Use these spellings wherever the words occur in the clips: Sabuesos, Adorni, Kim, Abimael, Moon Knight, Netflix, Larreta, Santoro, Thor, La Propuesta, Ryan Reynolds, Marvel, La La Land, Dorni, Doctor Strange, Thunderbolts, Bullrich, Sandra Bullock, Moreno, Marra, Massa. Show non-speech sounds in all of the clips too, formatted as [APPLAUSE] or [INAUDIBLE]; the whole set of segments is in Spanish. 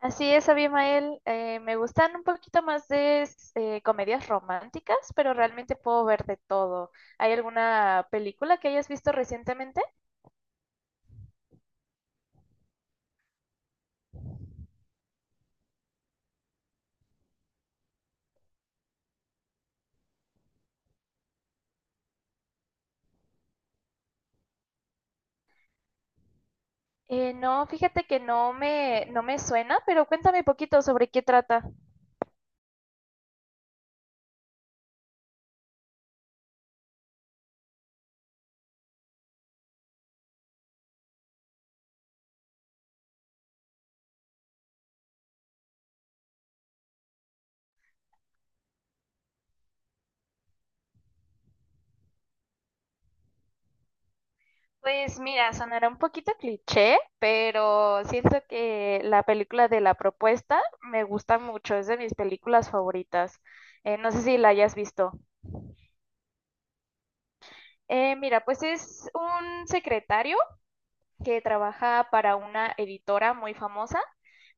Así es, Abimael. Me gustan un poquito más de comedias románticas, pero realmente puedo ver de todo. ¿Hay alguna película que hayas visto recientemente? No, fíjate que no me suena, pero cuéntame poquito sobre qué trata. Pues mira, sonará un poquito cliché, pero siento que la película de La Propuesta me gusta mucho, es de mis películas favoritas. No sé si la hayas visto. Mira, pues es un secretario que trabaja para una editora muy famosa,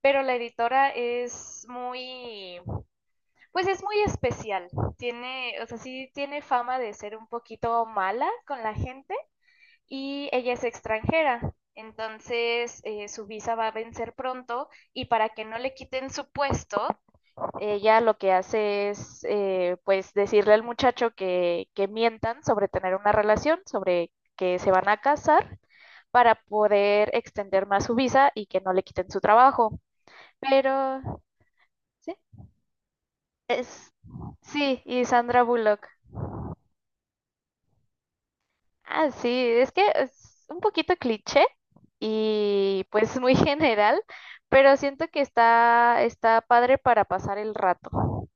pero la editora es muy, pues es muy especial. Tiene, o sea, sí tiene fama de ser un poquito mala con la gente y ella es extranjera. Entonces, su visa va a vencer pronto y para que no le quiten su puesto, ella lo que hace es, pues, decirle al muchacho que mientan sobre tener una relación, sobre que se van a casar para poder extender más su visa y que no le quiten su trabajo. Pero sí, es sí, y Sandra Bullock. Ah, sí, es que es un poquito cliché y pues muy [LAUGHS] general, pero siento que está padre para pasar el rato.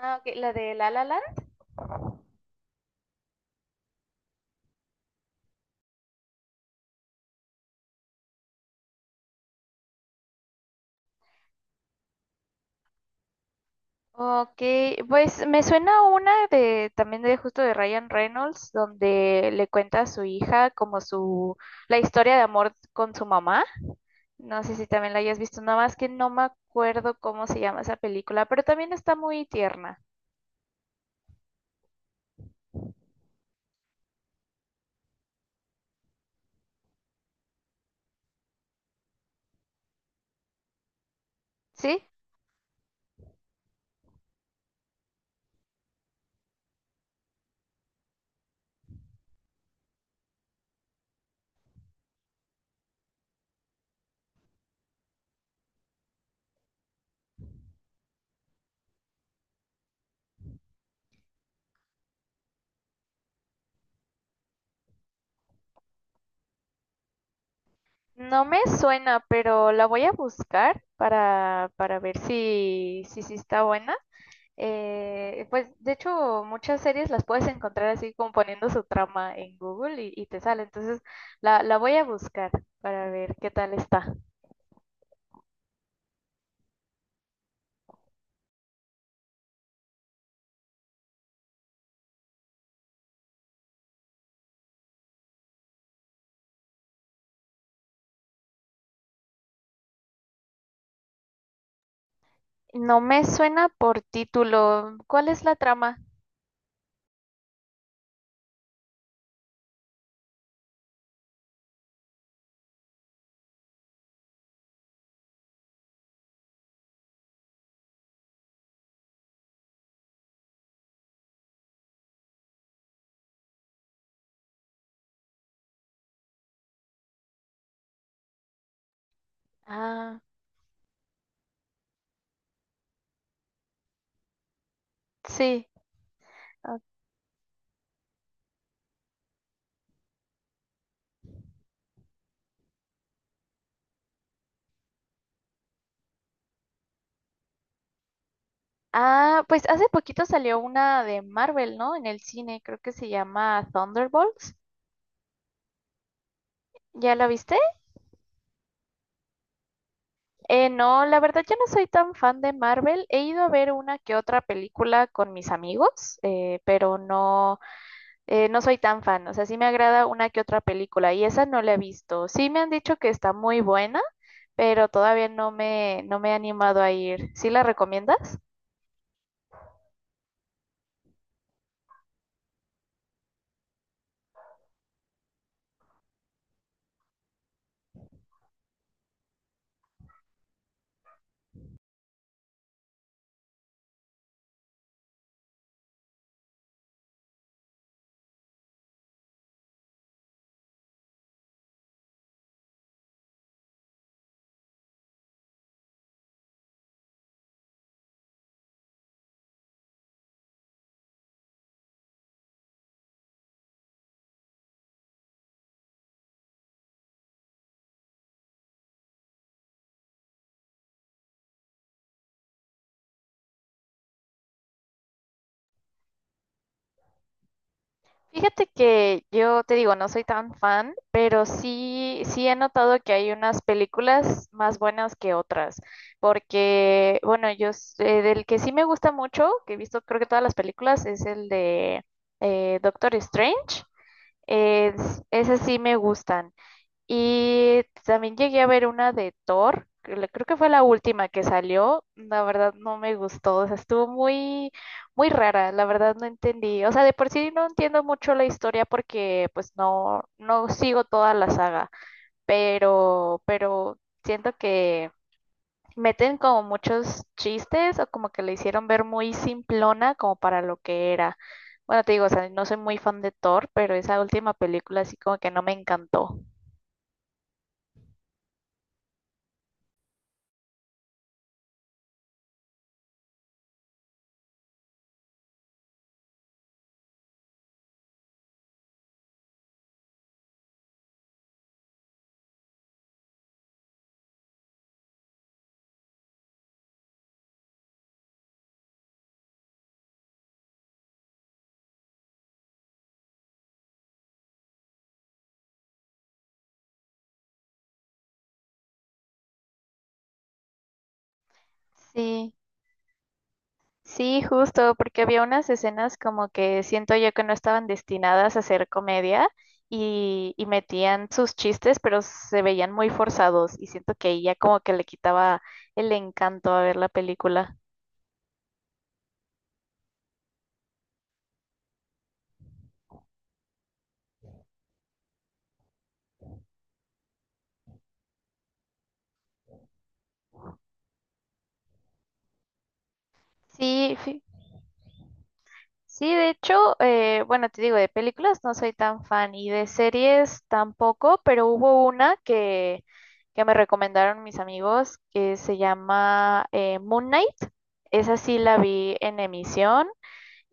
Ah, ok, la de La La Land. Ok, pues me suena una de también de justo de Ryan Reynolds, donde le cuenta a su hija como su la historia de amor con su mamá. No sé si también la hayas visto, nada más que no me acuerdo cómo se llama esa película, pero también está muy tierna. ¿Sí? No me suena, pero la voy a buscar para ver si está buena. Pues de hecho muchas series las puedes encontrar así como poniendo su trama en Google y te sale. Entonces la voy a buscar para ver qué tal está. No me suena por título. ¿Cuál es la trama? Ah, sí. Ah, pues hace poquito salió una de Marvel, ¿no? En el cine, creo que se llama Thunderbolts. ¿Ya la viste? No, la verdad yo no soy tan fan de Marvel. He ido a ver una que otra película con mis amigos, no soy tan fan. O sea, sí me agrada una que otra película y esa no la he visto. Sí me han dicho que está muy buena, pero todavía no me he animado a ir. ¿Sí la recomiendas? Fíjate que yo te digo, no soy tan fan, pero sí he notado que hay unas películas más buenas que otras, porque, bueno, del que sí me gusta mucho, que he visto creo que todas las películas, es el de Doctor Strange. Es, esas sí me gustan. Y también llegué a ver una de Thor, que creo que fue la última que salió. La verdad no me gustó, o sea, muy rara, la verdad no entendí. O sea, de por sí no entiendo mucho la historia porque no sigo toda la saga, pero siento que meten como muchos chistes o como que le hicieron ver muy simplona como para lo que era. Bueno, te digo, o sea, no soy muy fan de Thor, pero esa última película así como que no me encantó. Sí. Sí, justo, porque había unas escenas como que siento yo que no estaban destinadas a ser comedia y metían sus chistes, pero se veían muy forzados y siento que ahí ya como que le quitaba el encanto a ver la película. Sí, fi- sí, de hecho, bueno, te digo, de películas no soy tan fan y de series tampoco, pero hubo una que me recomendaron mis amigos que se llama Moon Knight. Esa sí la vi en emisión.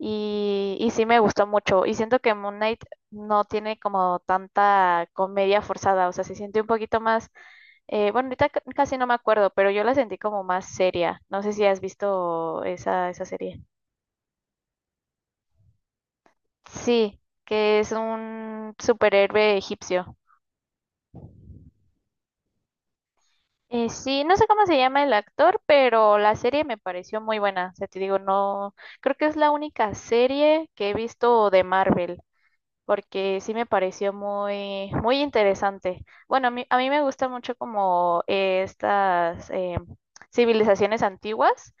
Y sí me gustó mucho. Y siento que Moon Knight no tiene como tanta comedia forzada. O sea, se siente un poquito más. Bueno, ahorita casi no me acuerdo, pero yo la sentí como más seria. No sé si has visto esa serie. Sí, que es un superhéroe egipcio. Sí, no sé cómo se llama el actor, pero la serie me pareció muy buena. O sea, te digo, no. Creo que es la única serie que he visto de Marvel, porque sí me pareció muy interesante. Bueno, a mí me gusta mucho como estas civilizaciones antiguas,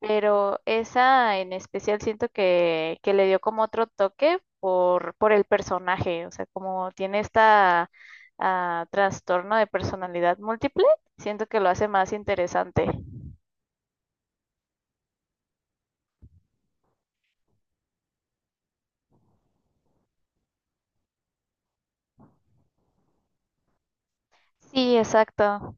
pero esa en especial siento que le dio como otro toque por el personaje, o sea, como tiene esta trastorno de personalidad múltiple, siento que lo hace más interesante. Sí, exacto.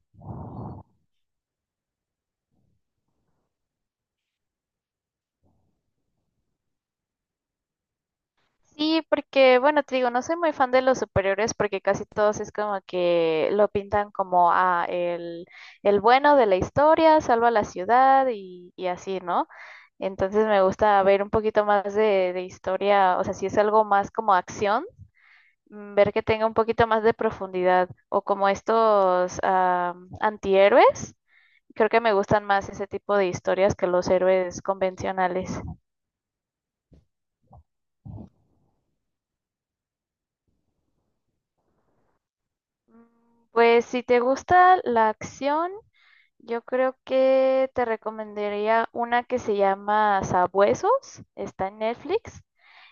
Sí, porque bueno, te digo, no soy muy fan de los superiores porque casi todos es como que lo pintan como ah, el bueno de la historia, salva la ciudad y así, ¿no? Entonces me gusta ver un poquito más de historia, o sea, si es algo más como acción, mm, ver que tenga un poquito más de profundidad o como estos ah, antihéroes, creo que me gustan más ese tipo de historias que los héroes convencionales. Mm, pues si te gusta la acción, yo creo que te recomendaría una que se llama Sabuesos, está en Netflix.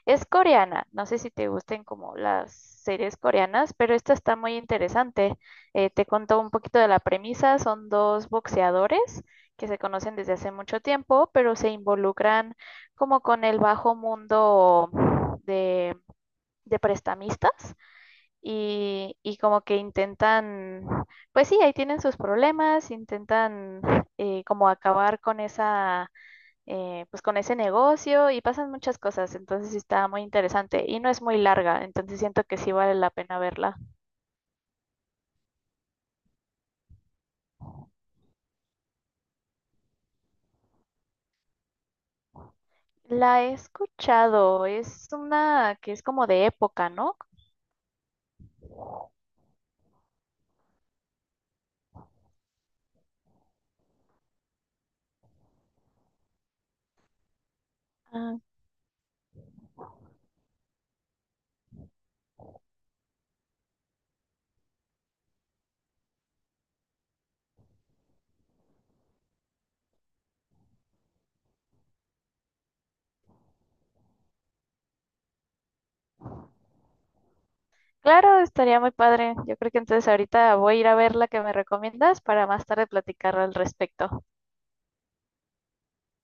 Es coreana, no sé si te gusten como las series coreanas, pero esta está muy interesante. Te contó un poquito de la premisa, son dos boxeadores que se conocen desde hace mucho tiempo, pero se involucran como con el bajo mundo de, de prestamistas y como que intentan, pues sí, ahí tienen sus problemas, intentan como acabar con pues con ese negocio y pasan muchas cosas, entonces sí está muy interesante y no es muy larga, entonces siento que sí vale la pena verla. La he escuchado, es una que es como de época, ¿no? Ah, claro, estaría muy padre. Yo creo que entonces ahorita voy a ir a ver la que me recomiendas para más tarde platicar al respecto.